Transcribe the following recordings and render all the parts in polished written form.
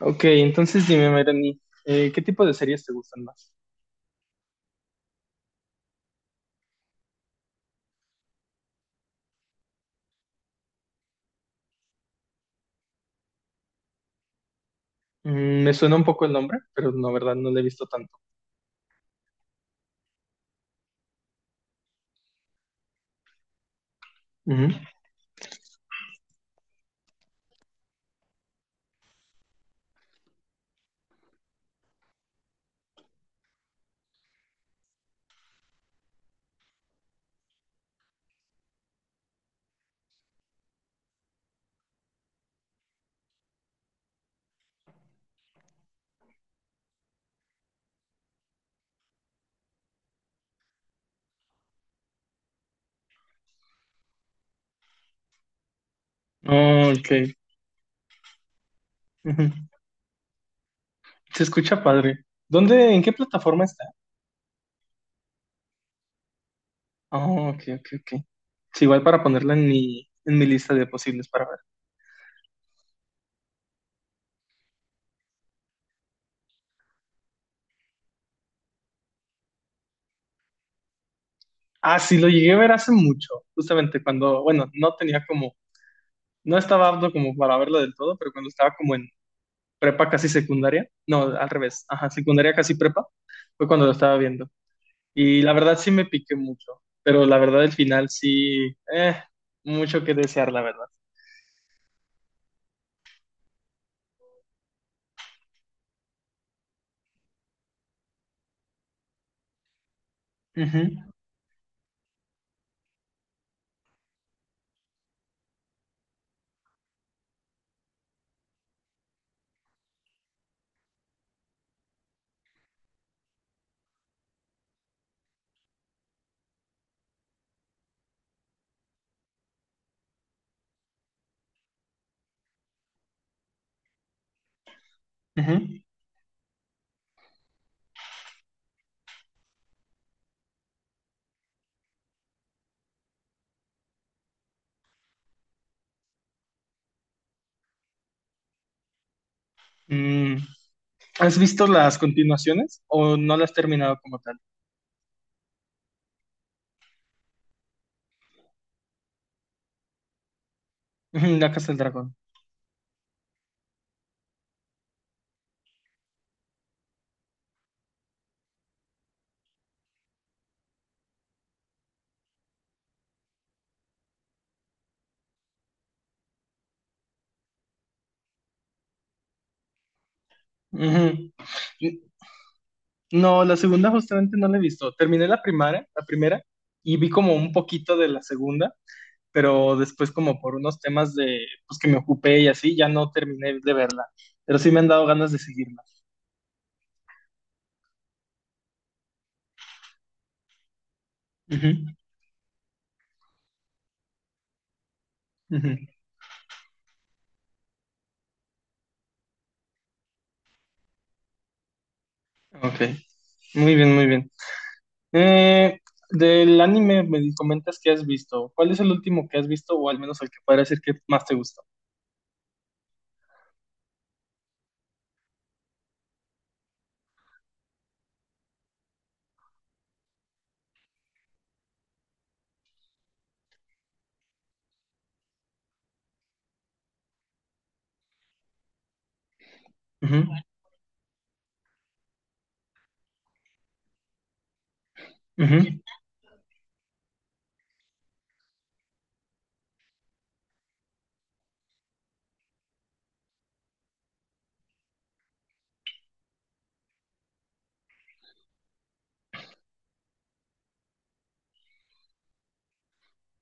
Ok, entonces dime, Melanie, ¿qué tipo de series te gustan más? Me suena un poco el nombre, pero no, verdad, no lo he visto tanto. Ujú. Oh, ok. Ujú. Se escucha padre. ¿En qué plataforma está? Oh, ok, ok, ok. Sí, igual para ponerla en mi lista de posibles para ver. Ah, sí, lo llegué a ver hace mucho, justamente cuando, bueno, no estaba apto como para verlo del todo, pero cuando estaba como en prepa casi secundaria, no, al revés, ajá, secundaria casi prepa, fue cuando lo estaba viendo. Y la verdad sí me piqué mucho, pero la verdad el final sí, mucho que desear, la verdad. Ujú, ujú. Mm, ¿Has visto las continuaciones o no las has terminado como tal? Ujú, La Casa del Dragón. Ujú. No, la segunda justamente no la he visto. Terminé la primera y vi como un poquito de la segunda, pero después como por unos temas de pues que me ocupé y así ya no terminé de verla, pero sí me han dado ganas de seguirla. Ujú, ujú. Ok, muy bien, muy bien. Eh, Del anime comentas que has visto. ¿Cuál es el último que has visto o al menos el que podría decir que más te gustó? Ujú, ujú.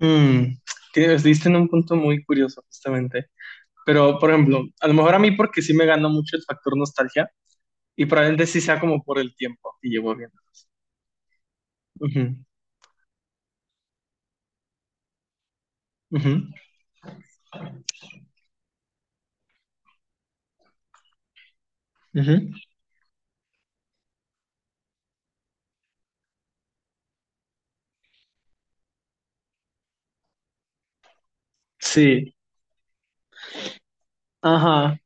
Mm, Diste en un punto muy curioso justamente. Pero, por ejemplo, a lo mejor a mí porque sí me ganó mucho el factor nostalgia y probablemente sí sea como por el tiempo y llevo viendo. Ujú, ujú, ujú. Sí, ajá.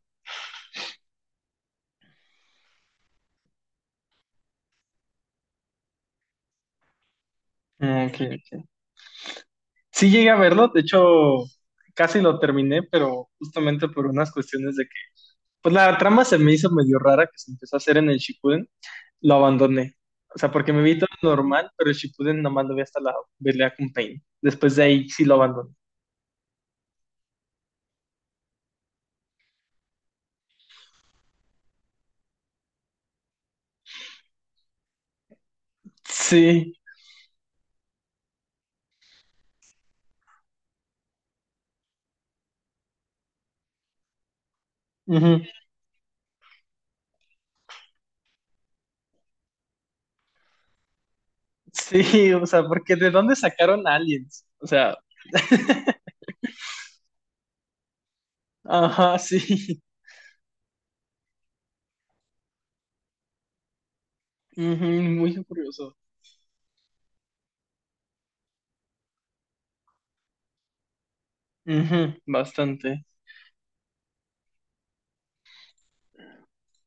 Ah, ok, ok. Sí llegué a verlo, de hecho casi lo terminé, pero justamente por unas cuestiones de pues la trama se me hizo medio rara que se empezó a hacer en el Shippuden, lo abandoné. O sea, porque me vi todo normal, pero el Shippuden nomás lo vi hasta la pelea con Pain. Después de ahí sí lo abandoné. Sí, ujú. Sí, o sea, porque ¿de dónde sacaron aliens? O sea, ajá, sí. Ujú, muy curioso. Ujú, bastante.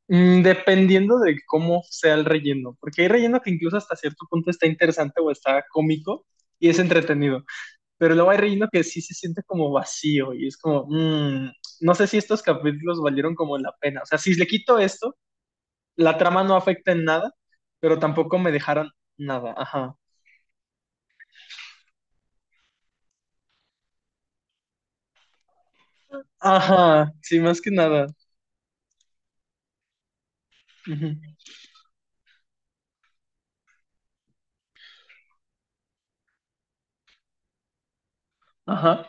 Dependiendo de cómo sea el relleno, porque hay relleno que incluso hasta cierto punto está interesante o está cómico y es entretenido. Pero luego hay relleno que sí se siente como vacío y es como, no sé si estos capítulos valieron como la pena. O sea, si le quito esto, la trama no afecta en nada, pero tampoco me dejaron nada. Ajá. Ajá, sí, más que nada. Ujú. Ajá.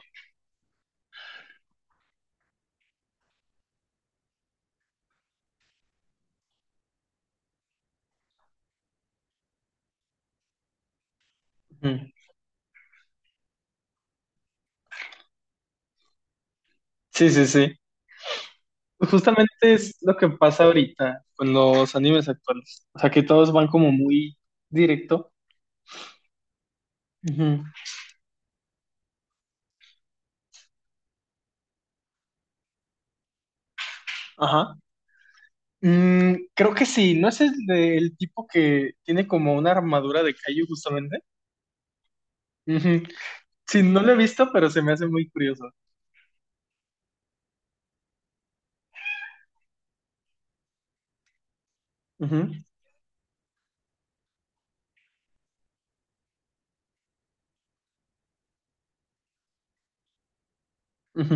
Ujú. Sí, sí, sí. Pues justamente es lo que pasa ahorita con los animes actuales. O sea, que todos van como muy directo. Ujú. Ajá. Creo que sí, ¿no es el tipo que tiene como una armadura de Kaiju justamente? Ujú. Sí, no lo he visto, pero se me hace muy curioso. Ujú, ujú.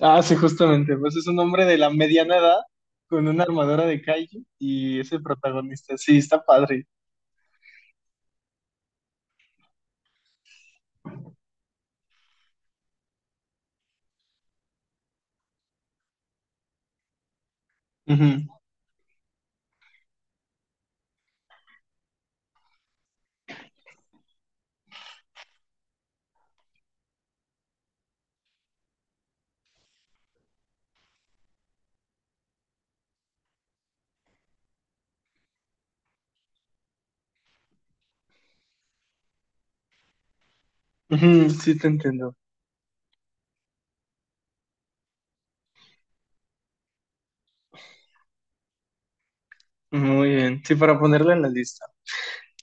Ah, sí, justamente. Pues es un hombre de la mediana edad con una armadura de kaiju y es el protagonista. Sí, está padre. Ujú, ujú, sí, te entiendo. Muy bien. Sí, para ponerlo en la lista.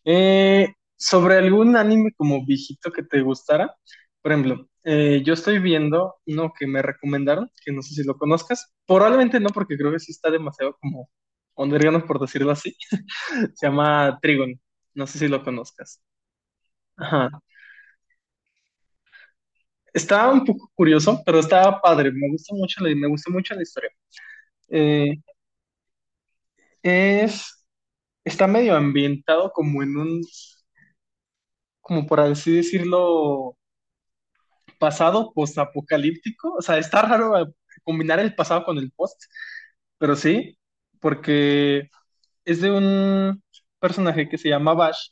Eh, Sobre algún anime como viejito que te gustara, por ejemplo, yo estoy viendo uno que me recomendaron, que no sé si lo conozcas. Probablemente no, porque creo que sí está demasiado como underground, por decirlo así. Se llama Trigon. No sé si lo conozcas. Ajá. Estaba un poco curioso, pero estaba padre. Me gustó mucho la historia. Eh, es, Está medio ambientado como por así decirlo, pasado postapocalíptico. O sea, está raro combinar el pasado con el post, pero sí, porque es de un personaje que se llama Bash,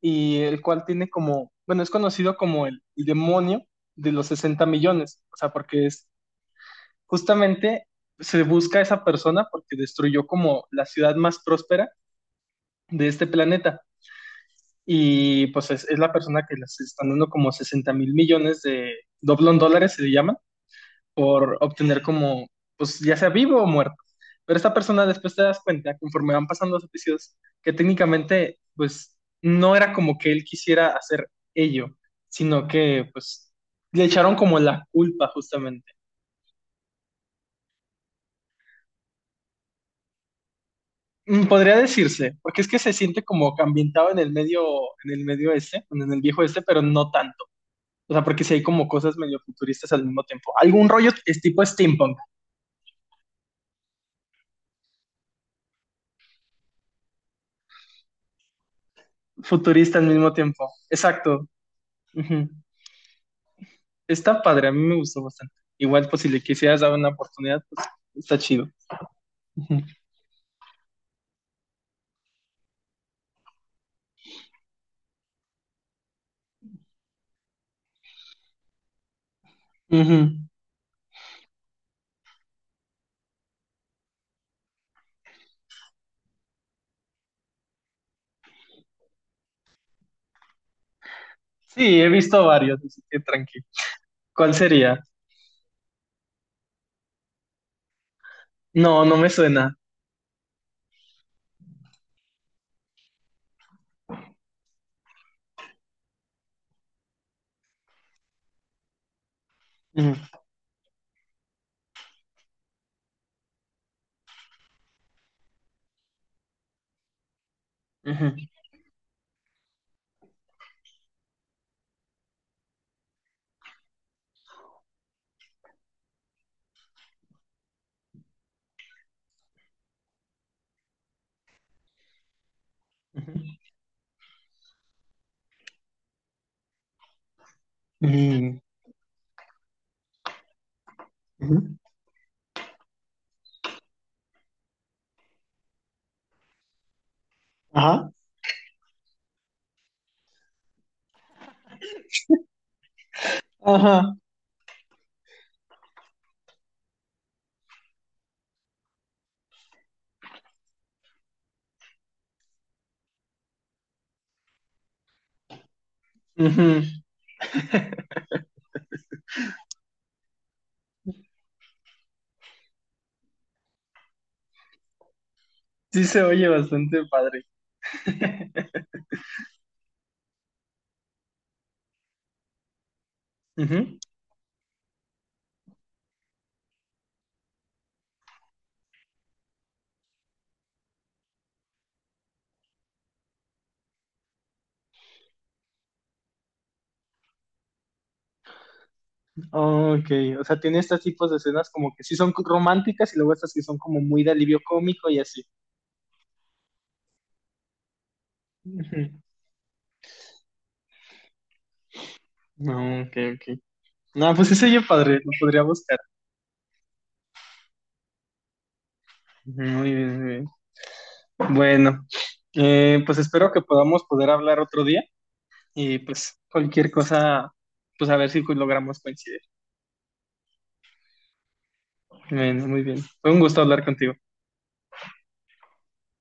y el cual tiene como, bueno, es conocido como el demonio de los 60 millones, o sea, porque es justamente se busca a esa persona porque destruyó como la ciudad más próspera de este planeta y pues es la persona que les están dando como 60.000 millones de doblón dólares, se le llaman, por obtener como, pues ya sea vivo o muerto. Pero esta persona después te das cuenta, conforme van pasando los episodios, que técnicamente, pues no era como que él quisiera hacer ello, sino que, pues, le echaron como la culpa justamente. Podría decirse, porque es que se siente como que ambientado en el medio, este, en el viejo este, pero no tanto. O sea, porque sí hay como cosas medio futuristas al mismo tiempo. Algún rollo es tipo steampunk, futurista al mismo tiempo. Exacto. Ujú. Está padre, a mí me gustó bastante. Igual, pues si le quisieras dar una oportunidad, pues está chido. Ujú. Ujú. Sí, he visto varios, así que tranqui. ¿Cuál sería? No, no me suena. Ujú, ujú, ujú, Mm, ujú. Ajá. Ajá. Ujú. Sí se oye bastante padre. Ujú. Ok, o sea, tiene estos tipos de escenas como que sí son románticas y luego estas que son como muy de alivio cómico y así. Ujú. No, ok, ok. No, pues ese oye padre, lo podría buscar. Ujú, muy bien, muy bien. Bueno, pues espero que podamos poder hablar otro día y pues cualquier cosa, pues a ver si logramos coincidir. Bueno, muy bien. Fue un gusto hablar contigo.